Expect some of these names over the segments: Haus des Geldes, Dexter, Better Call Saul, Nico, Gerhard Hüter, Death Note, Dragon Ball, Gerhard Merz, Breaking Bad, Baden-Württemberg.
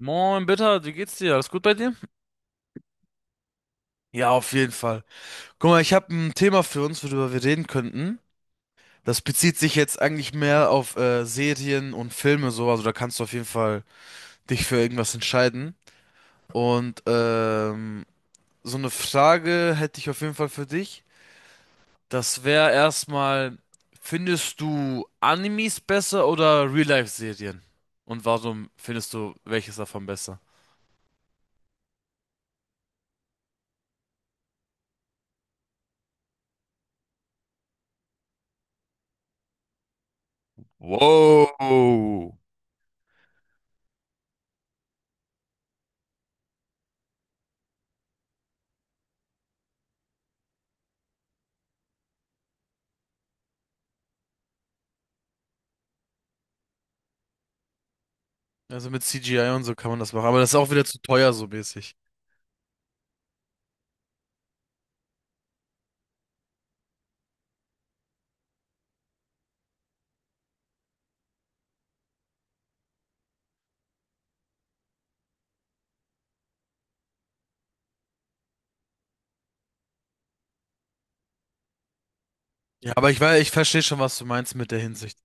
Moin, Bitter, wie geht's dir? Alles gut bei dir? Ja, auf jeden Fall. Guck mal, ich habe ein Thema für uns, worüber wir reden könnten. Das bezieht sich jetzt eigentlich mehr auf Serien und Filme so. Also da kannst du auf jeden Fall dich für irgendwas entscheiden. Und ähm, so eine Frage hätte ich auf jeden Fall für dich. Das wäre erstmal, findest du Animes besser oder Real-Life-Serien? Und warum findest du welches davon besser? Wow. Also mit CGI und so kann man das machen, aber das ist auch wieder zu teuer so mäßig. Ja, aber ich weiß, ich verstehe schon, was du meinst mit der Hinsicht.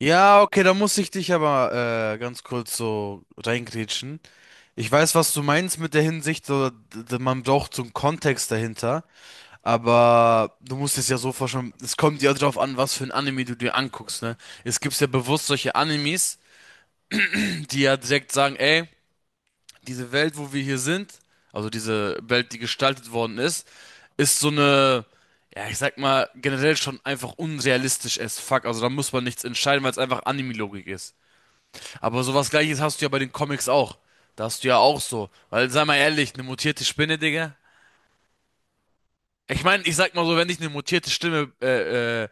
Ja, okay, da muss ich dich aber ganz kurz so reingrätschen. Ich weiß, was du meinst mit der Hinsicht, so, man braucht so einen Kontext dahinter, aber du musst es ja so vorstellen, es kommt ja drauf an, was für ein Anime du dir anguckst, ne? Es gibt ja bewusst solche Animes, die ja direkt sagen, ey, diese Welt, wo wir hier sind, also diese Welt, die gestaltet worden ist, ist so eine, ja, ich sag mal, generell schon einfach unrealistisch as fuck. Also da muss man nichts entscheiden, weil es einfach Anime-Logik ist. Aber sowas Gleiches hast du ja bei den Comics auch. Da hast du ja auch so. Weil, sei mal ehrlich, eine mutierte Spinne, Digga. Ich meine, ich sag mal so, wenn dich eine mutierte Stimme äh, äh,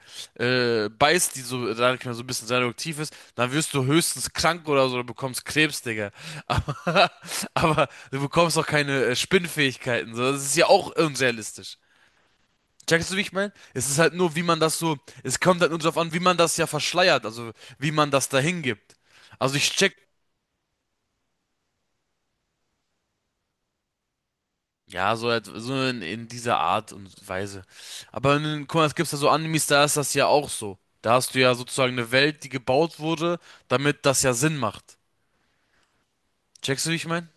äh, beißt, die so, sag ich mal, so ein bisschen seduktiv ist, dann wirst du höchstens krank oder so, du bekommst Krebs, Digga. Aber, aber du bekommst auch keine Spinnfähigkeiten. So. Das ist ja auch unrealistisch. Checkst du, wie ich meine? Es ist halt nur, wie man das so, es kommt halt nur darauf an, wie man das ja verschleiert, also wie man das dahin gibt. Also ich check. Ja, so, so in dieser Art und Weise. Aber in, guck mal, es gibt ja so Animes, da ist das ja auch so. Da hast du ja sozusagen eine Welt, die gebaut wurde, damit das ja Sinn macht. Checkst du, wie ich mein?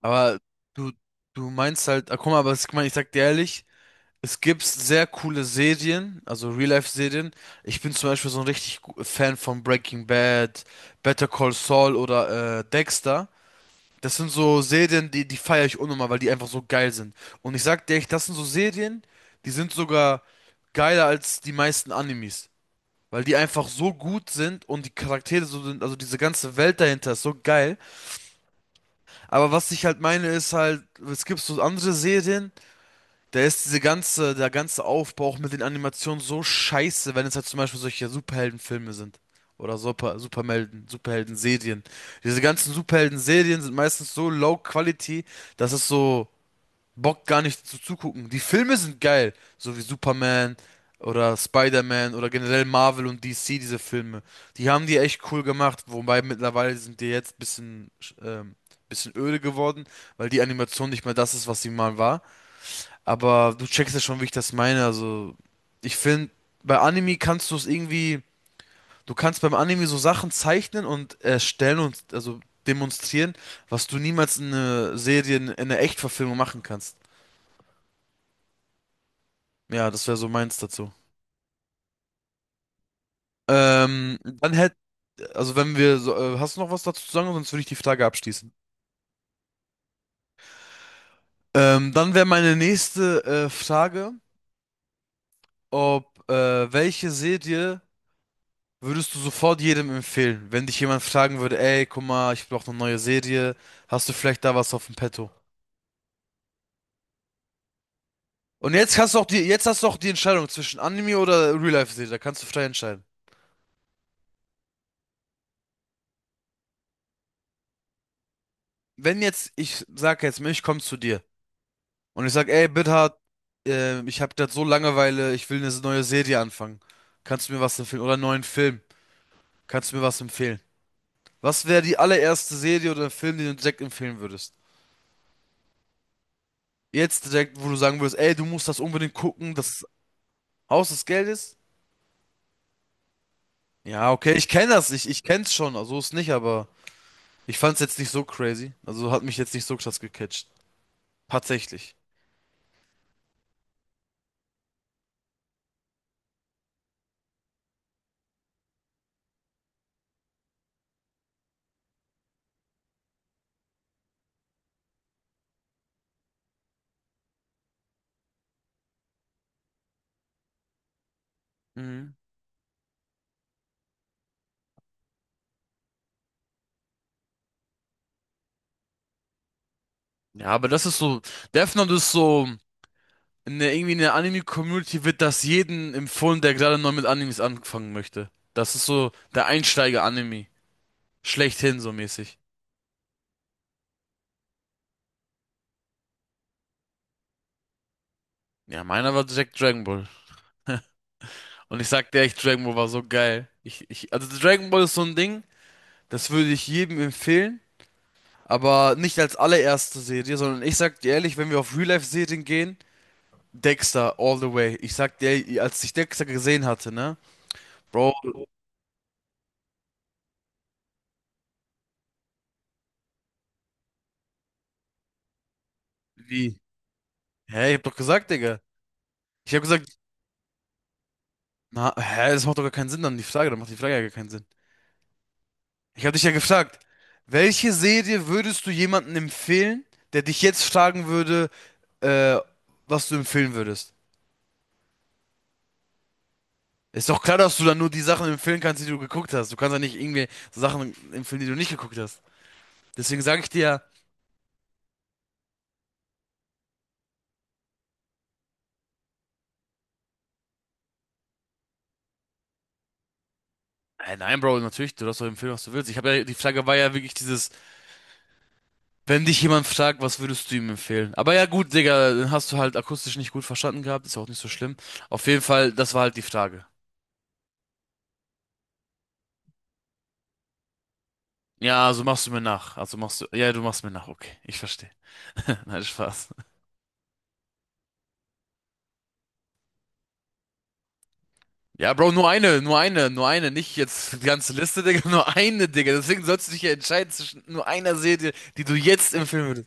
Aber du, du meinst halt, ah, guck mal, aber guck mal, ich sag dir ehrlich, es gibt sehr coole Serien, also Real-Life-Serien. Ich bin zum Beispiel so ein richtig Fan von Breaking Bad, Better Call Saul oder Dexter. Das sind so Serien, die feiere ich unnormal, weil die einfach so geil sind. Und ich sag dir echt, das sind so Serien, die sind sogar geiler als die meisten Animes. Weil die einfach so gut sind und die Charaktere so sind, also diese ganze Welt dahinter ist so geil. Aber was ich halt meine, ist halt, es gibt so andere Serien, da ist diese ganze, der ganze Aufbau auch mit den Animationen so scheiße, wenn es halt zum Beispiel solche Superheldenfilme sind. Oder Superhelden-Serien. Diese ganzen Superhelden-Serien sind meistens so low quality, dass es so Bock gar nicht zu zugucken. Die Filme sind geil, so wie Superman oder Spider-Man oder generell Marvel und DC, diese Filme. Die haben die echt cool gemacht, wobei mittlerweile sind die jetzt bisschen, ähm, bisschen öde geworden, weil die Animation nicht mehr das ist, was sie mal war. Aber du checkst ja schon, wie ich das meine. Also, ich finde, bei Anime kannst du es irgendwie, du kannst beim Anime so Sachen zeichnen und erstellen und also demonstrieren, was du niemals in einer Serie, in einer Echtverfilmung machen kannst. Ja, das wäre so meins dazu. Ähm, dann hätte, also wenn wir, so, hast du noch was dazu zu sagen, sonst würde ich die Frage abschließen. Dann wäre meine nächste Frage, ob welche Serie würdest du sofort jedem empfehlen, wenn dich jemand fragen würde, ey, guck mal, ich brauche eine neue Serie, hast du vielleicht da was auf dem Petto? Und jetzt hast du auch jetzt hast du auch die Entscheidung zwischen Anime oder Real-Life-Serie, da kannst du frei entscheiden. Wenn jetzt, ich sag jetzt, ich komm zu dir und ich sag, ey, Bithard, ich hab grad so Langeweile, ich will eine neue Serie anfangen. Kannst du mir was empfehlen? Oder einen neuen Film? Kannst du mir was empfehlen? Was wäre die allererste Serie oder Film, den du direkt empfehlen würdest? Jetzt direkt, wo du sagen würdest, ey, du musst das unbedingt gucken, das Haus des Geldes? Ja, okay, ich kenne das, ich kenn's schon, also ist nicht, aber ich fand's jetzt nicht so crazy. Also hat mich jetzt nicht so krass gecatcht. Tatsächlich. Mhm. Ja, aber das ist so, Death Note ist so, in der, irgendwie in der Anime-Community wird das jeden empfohlen, der gerade neu mit Animes anfangen möchte. Das ist so der Einsteiger-Anime. Schlechthin so mäßig. Ja, meiner war direkt Dragon Ball. Und ich sag dir echt, Dragon Ball war so geil. Also Dragon Ball ist so ein Ding, das würde ich jedem empfehlen. Aber nicht als allererste Serie, sondern ich sag dir ehrlich, wenn wir auf Real-Life-Serien gehen, Dexter all the way. Ich sag dir, als ich Dexter gesehen hatte, ne? Bro, wie? Hä, ich hab doch gesagt, Digga. Ich hab gesagt, na, hä, das macht doch gar keinen Sinn dann, die Frage, dann macht die Frage ja gar keinen Sinn. Ich hab dich ja gefragt, welche Serie würdest du jemandem empfehlen, der dich jetzt fragen würde, äh, was du empfehlen würdest? Ist doch klar, dass du dann nur die Sachen empfehlen kannst, die du geguckt hast. Du kannst ja nicht irgendwie Sachen empfehlen, die du nicht geguckt hast. Deswegen sage ich dir ja. Nein, Bro, natürlich, du darfst doch empfehlen, was du willst. Ich habe ja, die Frage war ja wirklich dieses, wenn dich jemand fragt, was würdest du ihm empfehlen? Aber ja, gut, Digga, dann hast du halt akustisch nicht gut verstanden gehabt, ist ja auch nicht so schlimm. Auf jeden Fall, das war halt die Frage. Ja, also machst du mir nach. Also machst du, ja, du machst mir nach, okay, ich verstehe. Nein, Spaß. Ja, Bro, nur eine, nicht jetzt die ganze Liste, Digga, nur eine, Digga. Deswegen sollst du dich ja entscheiden zwischen nur einer Serie, die du jetzt empfehlen würdest.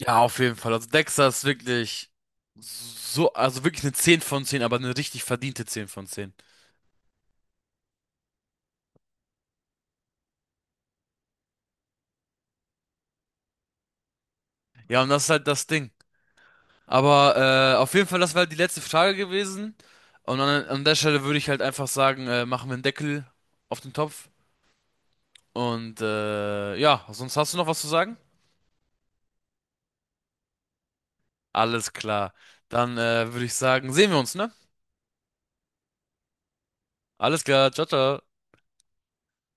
Ja, auf jeden Fall. Also Dexter ist wirklich so, also wirklich eine 10 von 10, aber eine richtig verdiente 10 von 10. Ja, und das ist halt das Ding. Aber auf jeden Fall, das war halt die letzte Frage gewesen. Und an der Stelle würde ich halt einfach sagen, machen wir einen Deckel auf den Topf. Und ja, sonst hast du noch was zu sagen? Alles klar. Dann würde ich sagen, sehen wir uns, ne? Alles klar, ciao, ciao.